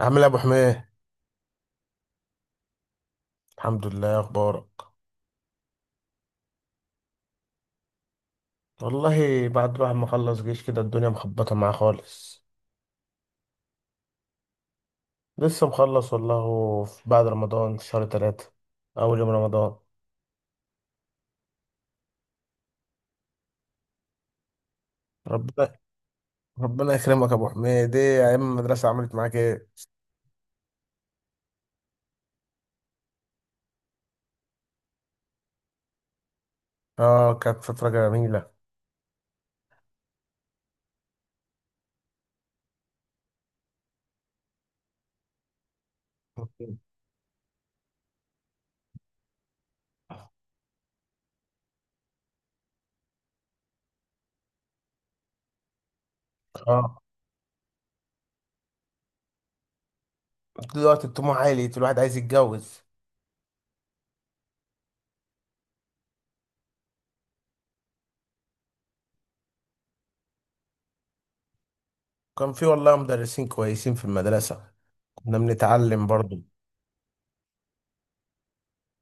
عامل ايه يا ابو حميد؟ الحمد لله. إيه اخبارك؟ والله بعد بقى ما اخلص جيش كده، الدنيا مخبطه معاه خالص. لسه مخلص والله بعد رمضان في شهر ثلاثة، اول يوم رمضان. ربنا. ربنا يكرمك يا ابو حميد. ايه يا ايام المدرسه، عملت معاك ايه؟ اه كانت فتره جميله. اه، دلوقتي الطموح عالي، الواحد عايز يتجوز. كان في والله مدرسين كويسين في المدرسه، كنا بنتعلم برضو.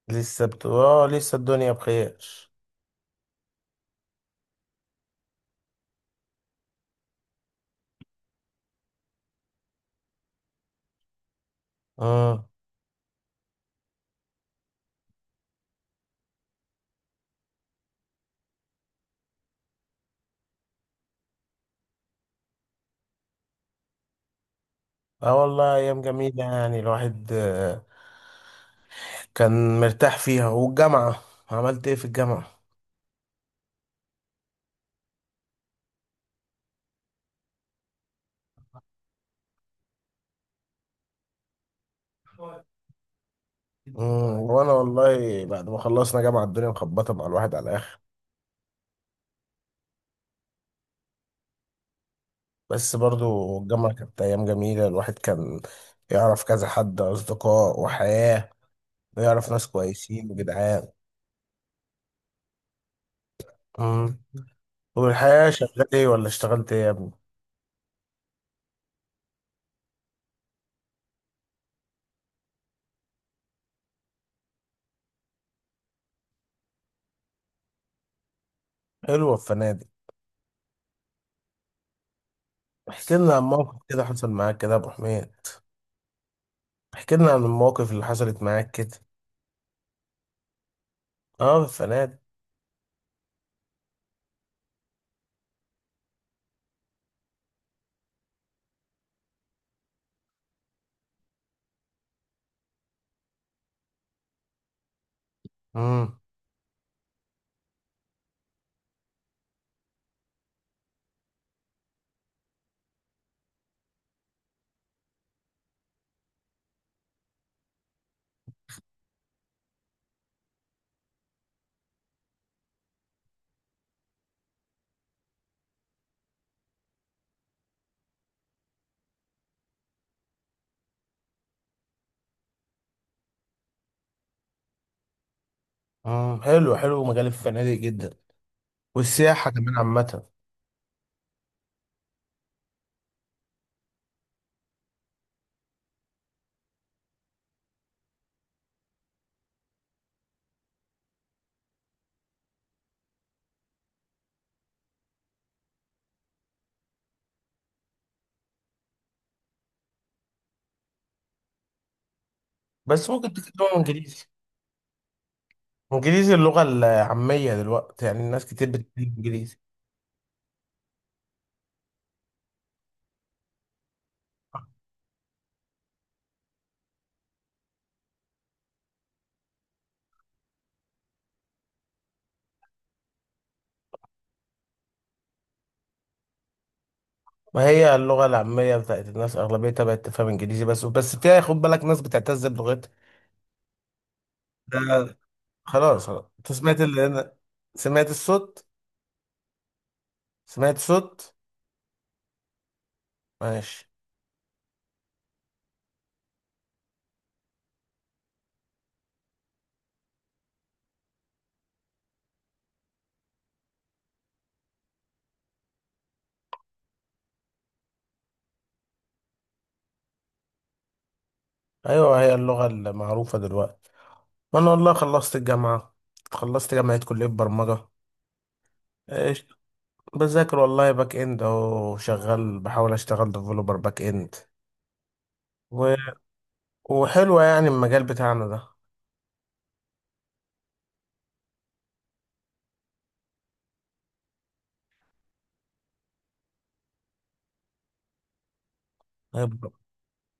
اه لسه الدنيا بخير. اه اه والله ايام جميله، يعني الواحد كان مرتاح فيها. والجامعه، عملت ايه في الجامعه؟ وانا والله بعد ما خلصنا جامعه الدنيا مخبطه مع الواحد على الاخر. بس برضو الجامعه كانت ايام جميله، الواحد كان يعرف كذا حد اصدقاء وحياه، ويعرف ناس كويسين وجدعان. مم. والحياه، شغال ايه ولا اشتغلت ايه يا ابني؟ حلوه في فنادق. احكي لنا عن موقف كده حصل معاك كده يا ابو حميد، احكي لنا عن المواقف اللي حصلت معاك كده. اه في الفنادق. مم. حلو حلو، مجال الفنادق جدا، والسياحة كمان عامة. بس ممكن تتكلم انجليزي. انجليزي اللغة العامية دلوقتي، يعني الناس كتير بتتكلم انجليزي. ما هي اللغة العامية بتاعت الناس أغلبيتها بقت تفهم انجليزي، بس بس فيها خد بالك، ناس بتعتز بلغتها. ده خلاص خلاص، انت سمعت اللي انا سمعت الصوت، سمعت صوت؟ ماشي. ايوه هي اللغة المعروفة دلوقتي. وانا والله خلصت الجامعة، خلصت جامعة كلية برمجة، بذاكر والله باك اند، اهو شغال بحاول اشتغل ديفلوبر باك اند. و... وحلوة يعني المجال بتاعنا ده.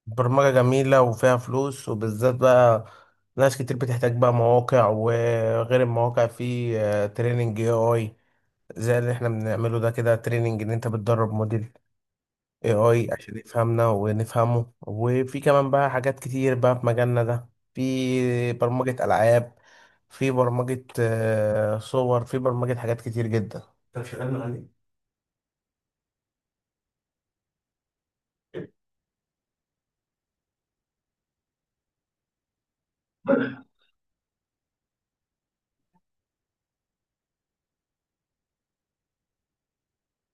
برمجة جميلة وفيها فلوس، وبالذات بقى ناس كتير بتحتاج بقى مواقع، وغير المواقع في تريننج اي اي، زي اللي احنا بنعمله ده كده، تريننج ان انت بتدرب موديل AI عشان يفهمنا ونفهمه، وفي كمان بقى حاجات كتير بقى في مجالنا ده، في برمجة ألعاب، في برمجة صور، في برمجة حاجات كتير جدا. انت شغال مع مين؟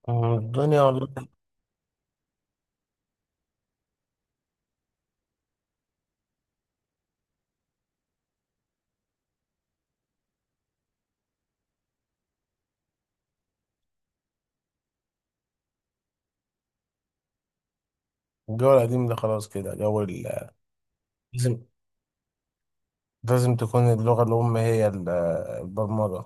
الدنيا والله. الجو القديم ده خلاص كده، لازم لازم تكون اللغة الأم هي البرمجة.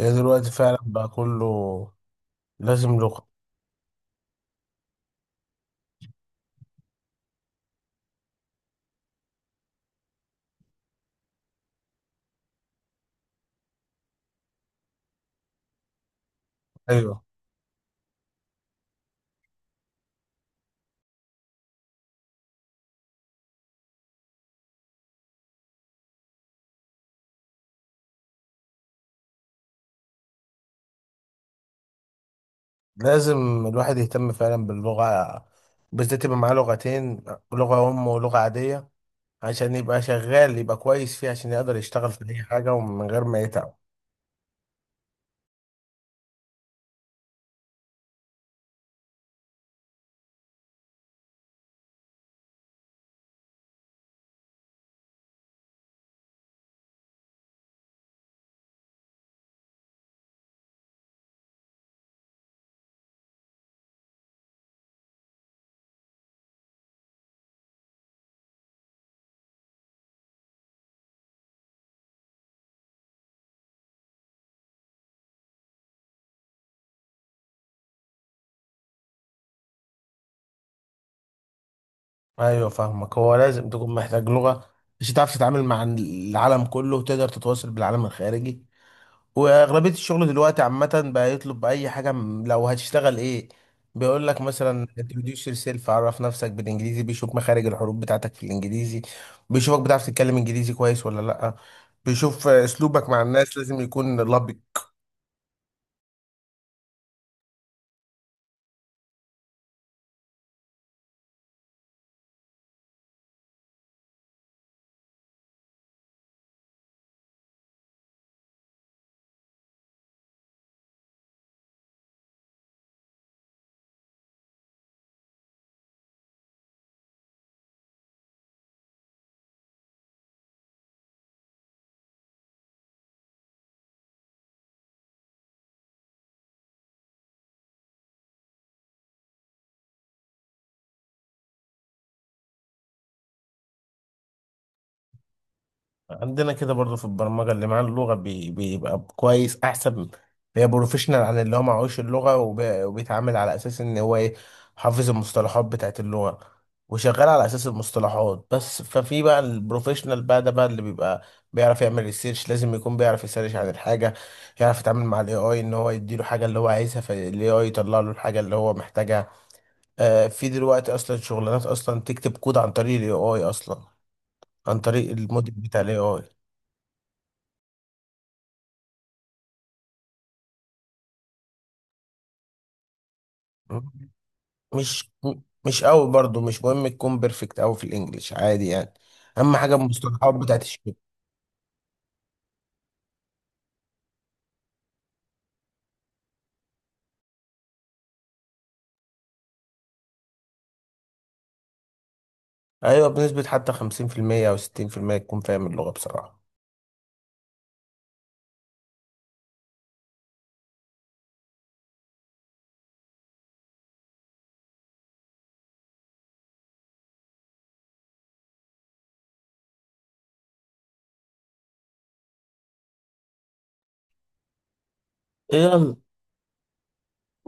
هي دلوقتي فعلا بقى كله لازم لغة. أيوه، لازم الواحد يهتم فعلا باللغة، بالذات يبقى معاه لغتين، لغة أم ولغة عادية، عشان يبقى شغال، يبقى كويس فيه، عشان يقدر يشتغل في اي حاجه ومن غير ما يتعب. ايوه فاهمك، هو لازم تكون محتاج لغه، عشان تعرف تتعامل مع العالم كله وتقدر تتواصل بالعالم الخارجي. واغلبيه الشغل دلوقتي عامه بقى يطلب، باي حاجه لو هتشتغل ايه، بيقول لك مثلا introduce yourself، عرف نفسك بالانجليزي، بيشوف مخارج الحروف بتاعتك في الانجليزي، بيشوفك بتعرف تتكلم انجليزي كويس ولا لا، بيشوف اسلوبك مع الناس، لازم يكون لبق. عندنا كده برضو في البرمجة، اللي معاه اللغة بيبقى كويس أحسن، بيبقى بروفيشنال عن اللي هو معهوش اللغة، وبيتعامل على أساس إن هو إيه، حافظ المصطلحات بتاعت اللغة، وشغال على أساس المصطلحات بس. ففي بقى البروفيشنال بقى ده بقى اللي بيبقى بيعرف يعمل ريسيرش، لازم يكون بيعرف يسيرش عن الحاجة، يعرف يتعامل مع الاي اي ان هو يديله حاجة اللي هو عايزها، فالاي اي يطلع له الحاجة اللي هو محتاجها. في دلوقتي اصلا شغلانات اصلا تكتب كود عن طريق الاي اي اصلا، عن طريق الموديل بتاع الاي اي. مش مش قوي برضو، مش مهم تكون بيرفكت قوي في الانجليش، عادي يعني، اهم حاجه المصطلحات بتاعت الشغل. ايوه بنسبه حتى 50% او 60% تكون فاهم اللغه بصراحه. يلا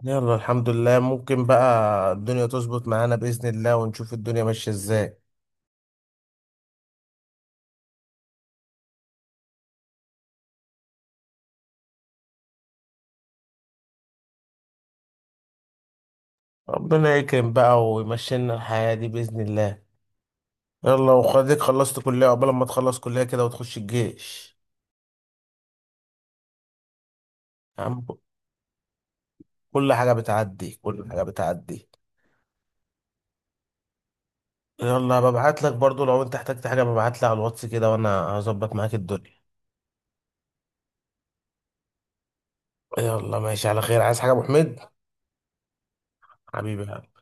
يلا الحمد لله، ممكن بقى الدنيا تظبط معانا باذن الله ونشوف الدنيا ماشيه ازاي. ربنا يكرم بقى ويمشي لنا الحياه دي باذن الله. يلا وخديك خلصت كليه قبل ما تخلص كليه كده وتخش الجيش. يا عم، كل حاجه بتعدي كل حاجه بتعدي. يلا ببعت لك برضو، لو انت احتجت حاجة ببعت لي على الواتس كده وانا هظبط معاك الدنيا. يلا ماشي على خير. عايز حاجة يا ابو حميد؟ حبيبي.